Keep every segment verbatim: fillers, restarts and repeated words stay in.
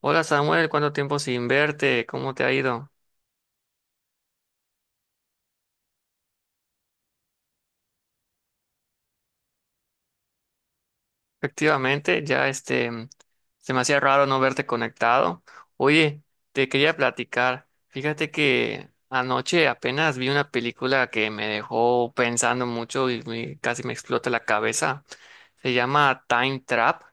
Hola Samuel, ¿cuánto tiempo sin verte? ¿Cómo te ha ido? Efectivamente, ya este, mm, se me hacía raro no verte conectado. Oye, te quería platicar. Fíjate que anoche apenas vi una película que me dejó pensando mucho y me- casi me explota la cabeza. Se llama Time Trap.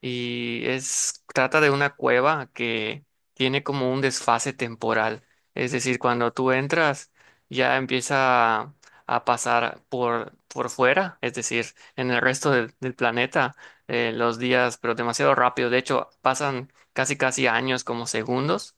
Y es trata de una cueva que tiene como un desfase temporal, es decir, cuando tú entras ya empieza a pasar por por fuera, es decir, en el resto del, del planeta, eh, los días, pero demasiado rápido, de hecho pasan casi casi años como segundos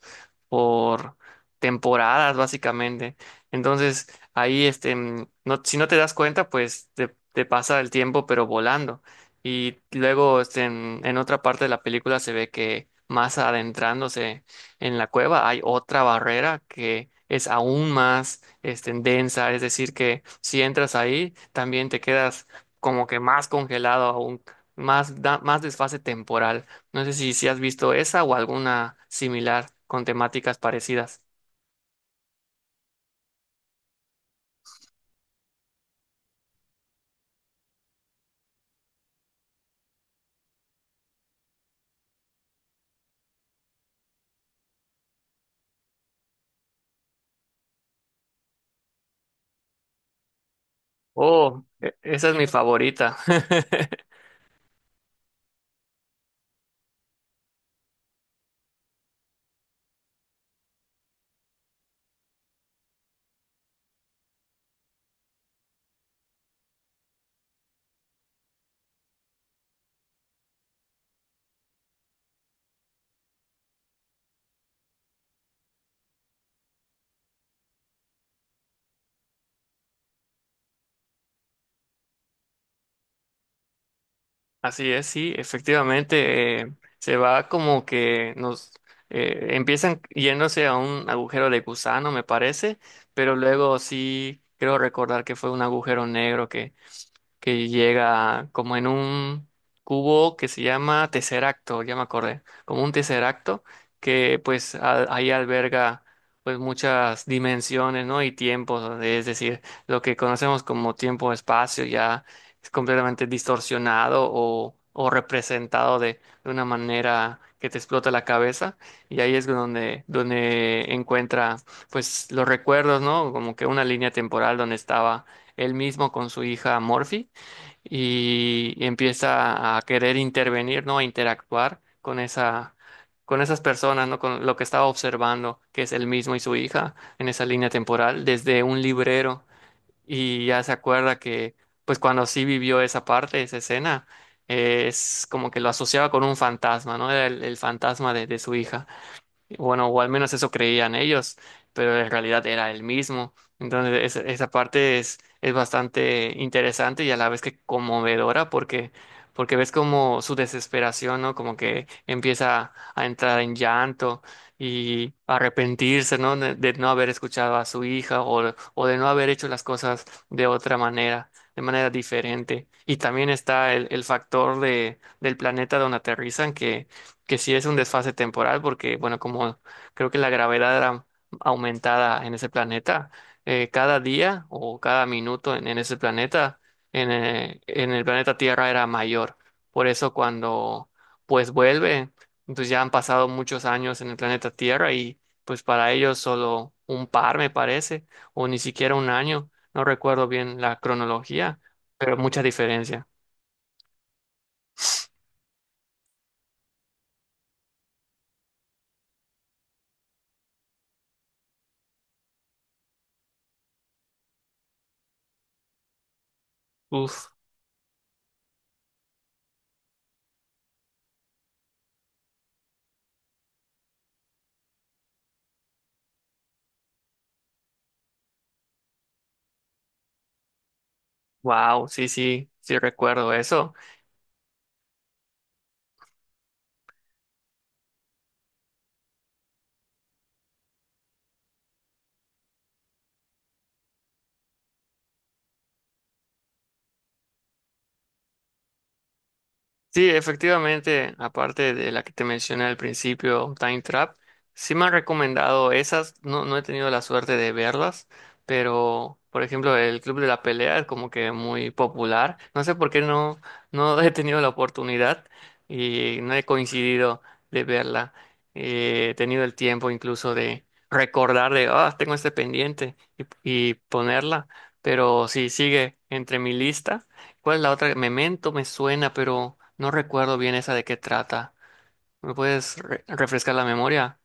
por temporadas básicamente, entonces ahí este, mm, no, si no te das cuenta, pues te te pasa el tiempo pero volando. Y luego este, en, en otra parte de la película se ve que más adentrándose en la cueva hay otra barrera que es aún más este, densa, es decir, que si entras ahí también te quedas como que más congelado aún, más, da- más desfase temporal. No sé si, si has visto esa o alguna similar con temáticas parecidas. Oh, e- esa es mi favorita. Así es, sí, efectivamente, eh, se va como que nos eh, empiezan yéndose a un agujero de gusano, me parece, pero luego sí creo recordar que fue un agujero negro que llega como en un cubo que se llama tesseracto, ya me acordé, como un tesseracto que pues a- ahí alberga pues muchas dimensiones, ¿no? Y tiempos, o de- es decir, lo que conocemos como tiempo-espacio ya es completamente distorsionado o, o representado de, de una manera que te explota la cabeza y ahí es donde, donde encuentra pues los recuerdos, ¿no? Como que una línea temporal donde estaba él mismo con su hija Morphy y empieza a querer intervenir, ¿no? A interactuar con esa, con esas personas, ¿no? Con lo que estaba observando, que es él mismo y su hija en esa línea temporal, desde un librero. Y ya se acuerda que, pues cuando sí vivió esa parte, esa escena, eh, es como que lo asociaba con un fantasma, ¿no? Era el, el fantasma de, de su hija. Bueno, o al menos eso creían ellos, pero en realidad era el mismo. Entonces, esa esa parte es, es bastante interesante y a la vez que conmovedora, porque, porque ves como su desesperación, ¿no? Como que empieza a entrar en llanto y arrepentirse, ¿no? De, de no haber escuchado a su hija o, o de no haber hecho las cosas de otra manera, de manera diferente. Y también está el, el factor de, del planeta donde aterrizan, que sí es un desfase temporal, porque, bueno, como creo que la gravedad era aumentada en ese planeta, eh, cada día o cada minuto en, en ese planeta, en, eh, en el planeta Tierra era mayor. Por eso cuando, pues, vuelve, entonces ya han pasado muchos años en el planeta Tierra y, pues, para ellos solo un par, me parece, o ni siquiera un año, no recuerdo bien la cronología, pero mucha diferencia. Uf, wow, sí, sí, sí recuerdo eso. Sí, efectivamente, aparte de la que te mencioné al principio, Time Trap, sí me han recomendado esas, no, no he tenido la suerte de verlas, pero por ejemplo el Club de la Pelea es como que muy popular, no sé por qué no, no he tenido la oportunidad y no he coincidido de verla. Eh, he tenido el tiempo incluso de recordar de, ah, tengo este pendiente y, y ponerla, pero sí sigue entre mi lista. ¿Cuál es la otra? Memento me suena, pero no recuerdo bien esa de qué trata. ¿Me puedes re- refrescar la memoria?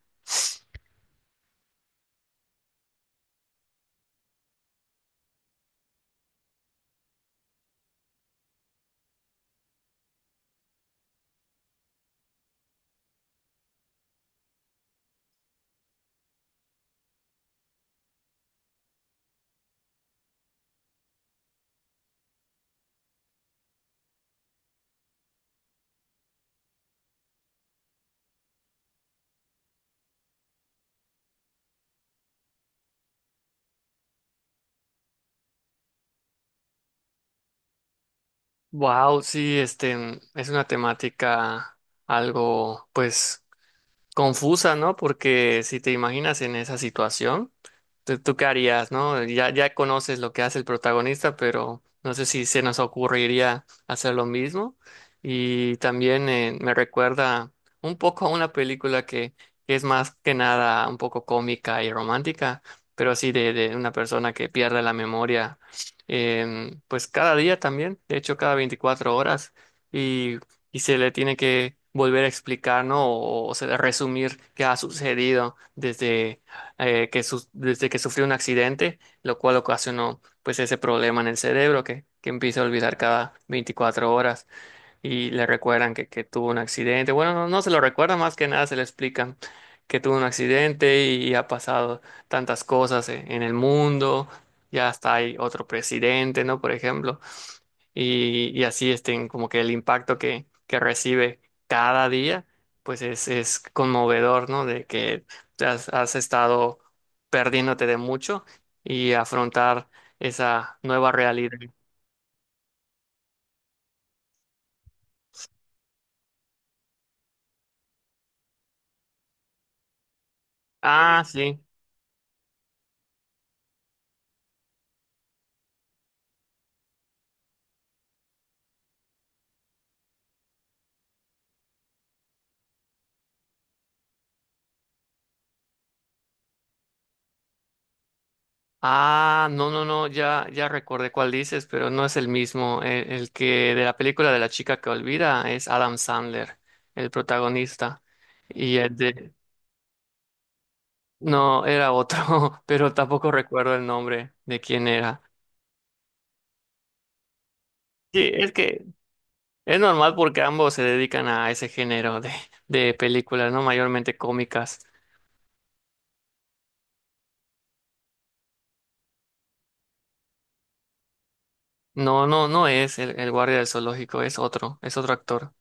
Wow, sí, este es una temática algo, pues, confusa, ¿no? Porque si te imaginas en esa situación, ¿tú, tú qué harías? ¿No? Ya, ya conoces lo que hace el protagonista, pero no sé si se nos ocurriría hacer lo mismo. Y también, eh, me recuerda un poco a una película que, que es más que nada un poco cómica y romántica, pero así de, de una persona que pierde la memoria, em, pues cada día también, de hecho cada veinticuatro horas, y se le tiene que volver a explicar, ¿no? O, o se- resumir qué ha sucedido desde, eh, que su- desde que sufrió un accidente, lo cual ocasionó pues ese problema en el cerebro, que, que empieza a olvidar cada veinticuatro horas, y le recuerdan que, que tuvo un accidente. Bueno, no, no se lo recuerda, más que nada se le explican que tuvo un accidente y ha pasado tantas cosas en, en el mundo. Ya está, hay otro presidente, ¿no? Por ejemplo, y, y así estén como que el impacto que, que recibe cada día, pues es, es conmovedor, ¿no? De que has, has estado perdiéndote de mucho y afrontar esa nueva realidad. Ah, sí. Ah, no, no, no, ya, ya recordé cuál dices, pero no es el mismo. El, el que de la película de la chica que olvida es Adam Sandler, el protagonista. Y el de... No, era otro, pero tampoco recuerdo el nombre de quién era. Sí, es que es normal porque ambos se dedican a ese género de, de películas, ¿no? Mayormente cómicas. No, no, no es el, el guardia del zoológico, es otro, es otro actor,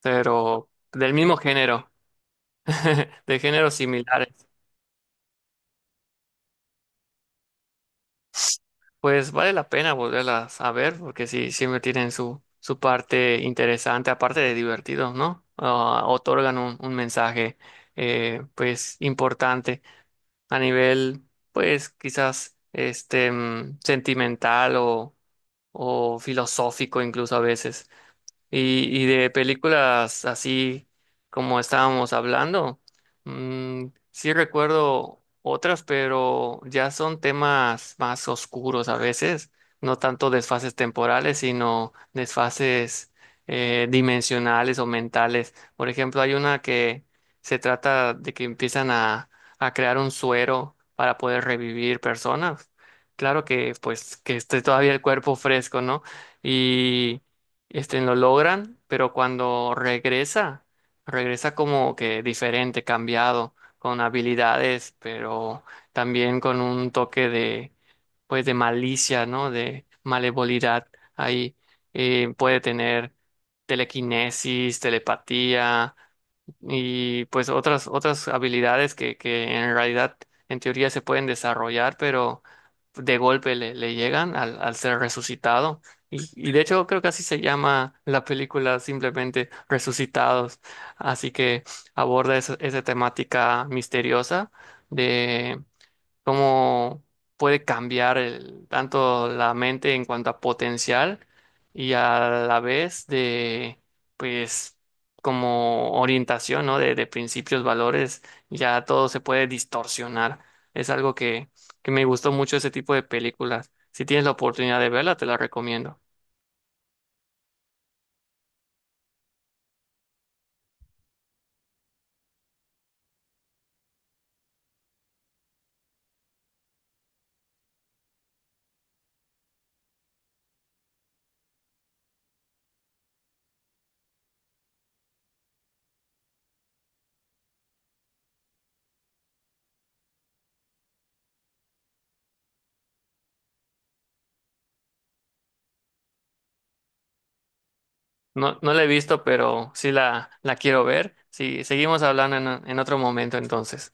pero del mismo género, de géneros similares. Pues vale la pena volverlas a ver porque sí, siempre tienen su, su parte interesante, aparte de divertido, ¿no? Ah, otorgan un, un mensaje, eh, pues, importante a nivel, pues quizás este, mm, sentimental o, o filosófico incluso a veces. Y, y de películas así como estábamos hablando, mm, sí recuerdo otras, pero ya son temas más oscuros a veces, no tanto desfases temporales, sino desfases, eh, dimensionales o mentales. Por ejemplo, hay una que se trata de que empiezan a, a crear un suero para poder revivir personas. Claro que pues que esté todavía el cuerpo fresco, ¿no? Y este, lo logran, pero cuando regresa, regresa como que diferente, cambiado, con habilidades, pero también con un toque de, pues, de malicia, ¿no? De malevolidad. Ahí, eh, puede tener telequinesis, telepatía, y pues otras, otras habilidades que, que en realidad en teoría se pueden desarrollar, pero de golpe le, le llegan al, al ser resucitado. Y, y de hecho creo que así se llama la película, simplemente Resucitados. Así que aborda esa, esa temática misteriosa cómo puede cambiar el- tanto la mente en cuanto a potencial y a la vez de, pues, como orientación, ¿no? De, de principios, valores, ya todo se puede distorsionar. Es algo que, que me gustó mucho ese tipo de películas. Si tienes la oportunidad de verla, te la recomiendo. No, no la he visto, pero sí la, la quiero ver. Sí, seguimos hablando en en otro momento entonces.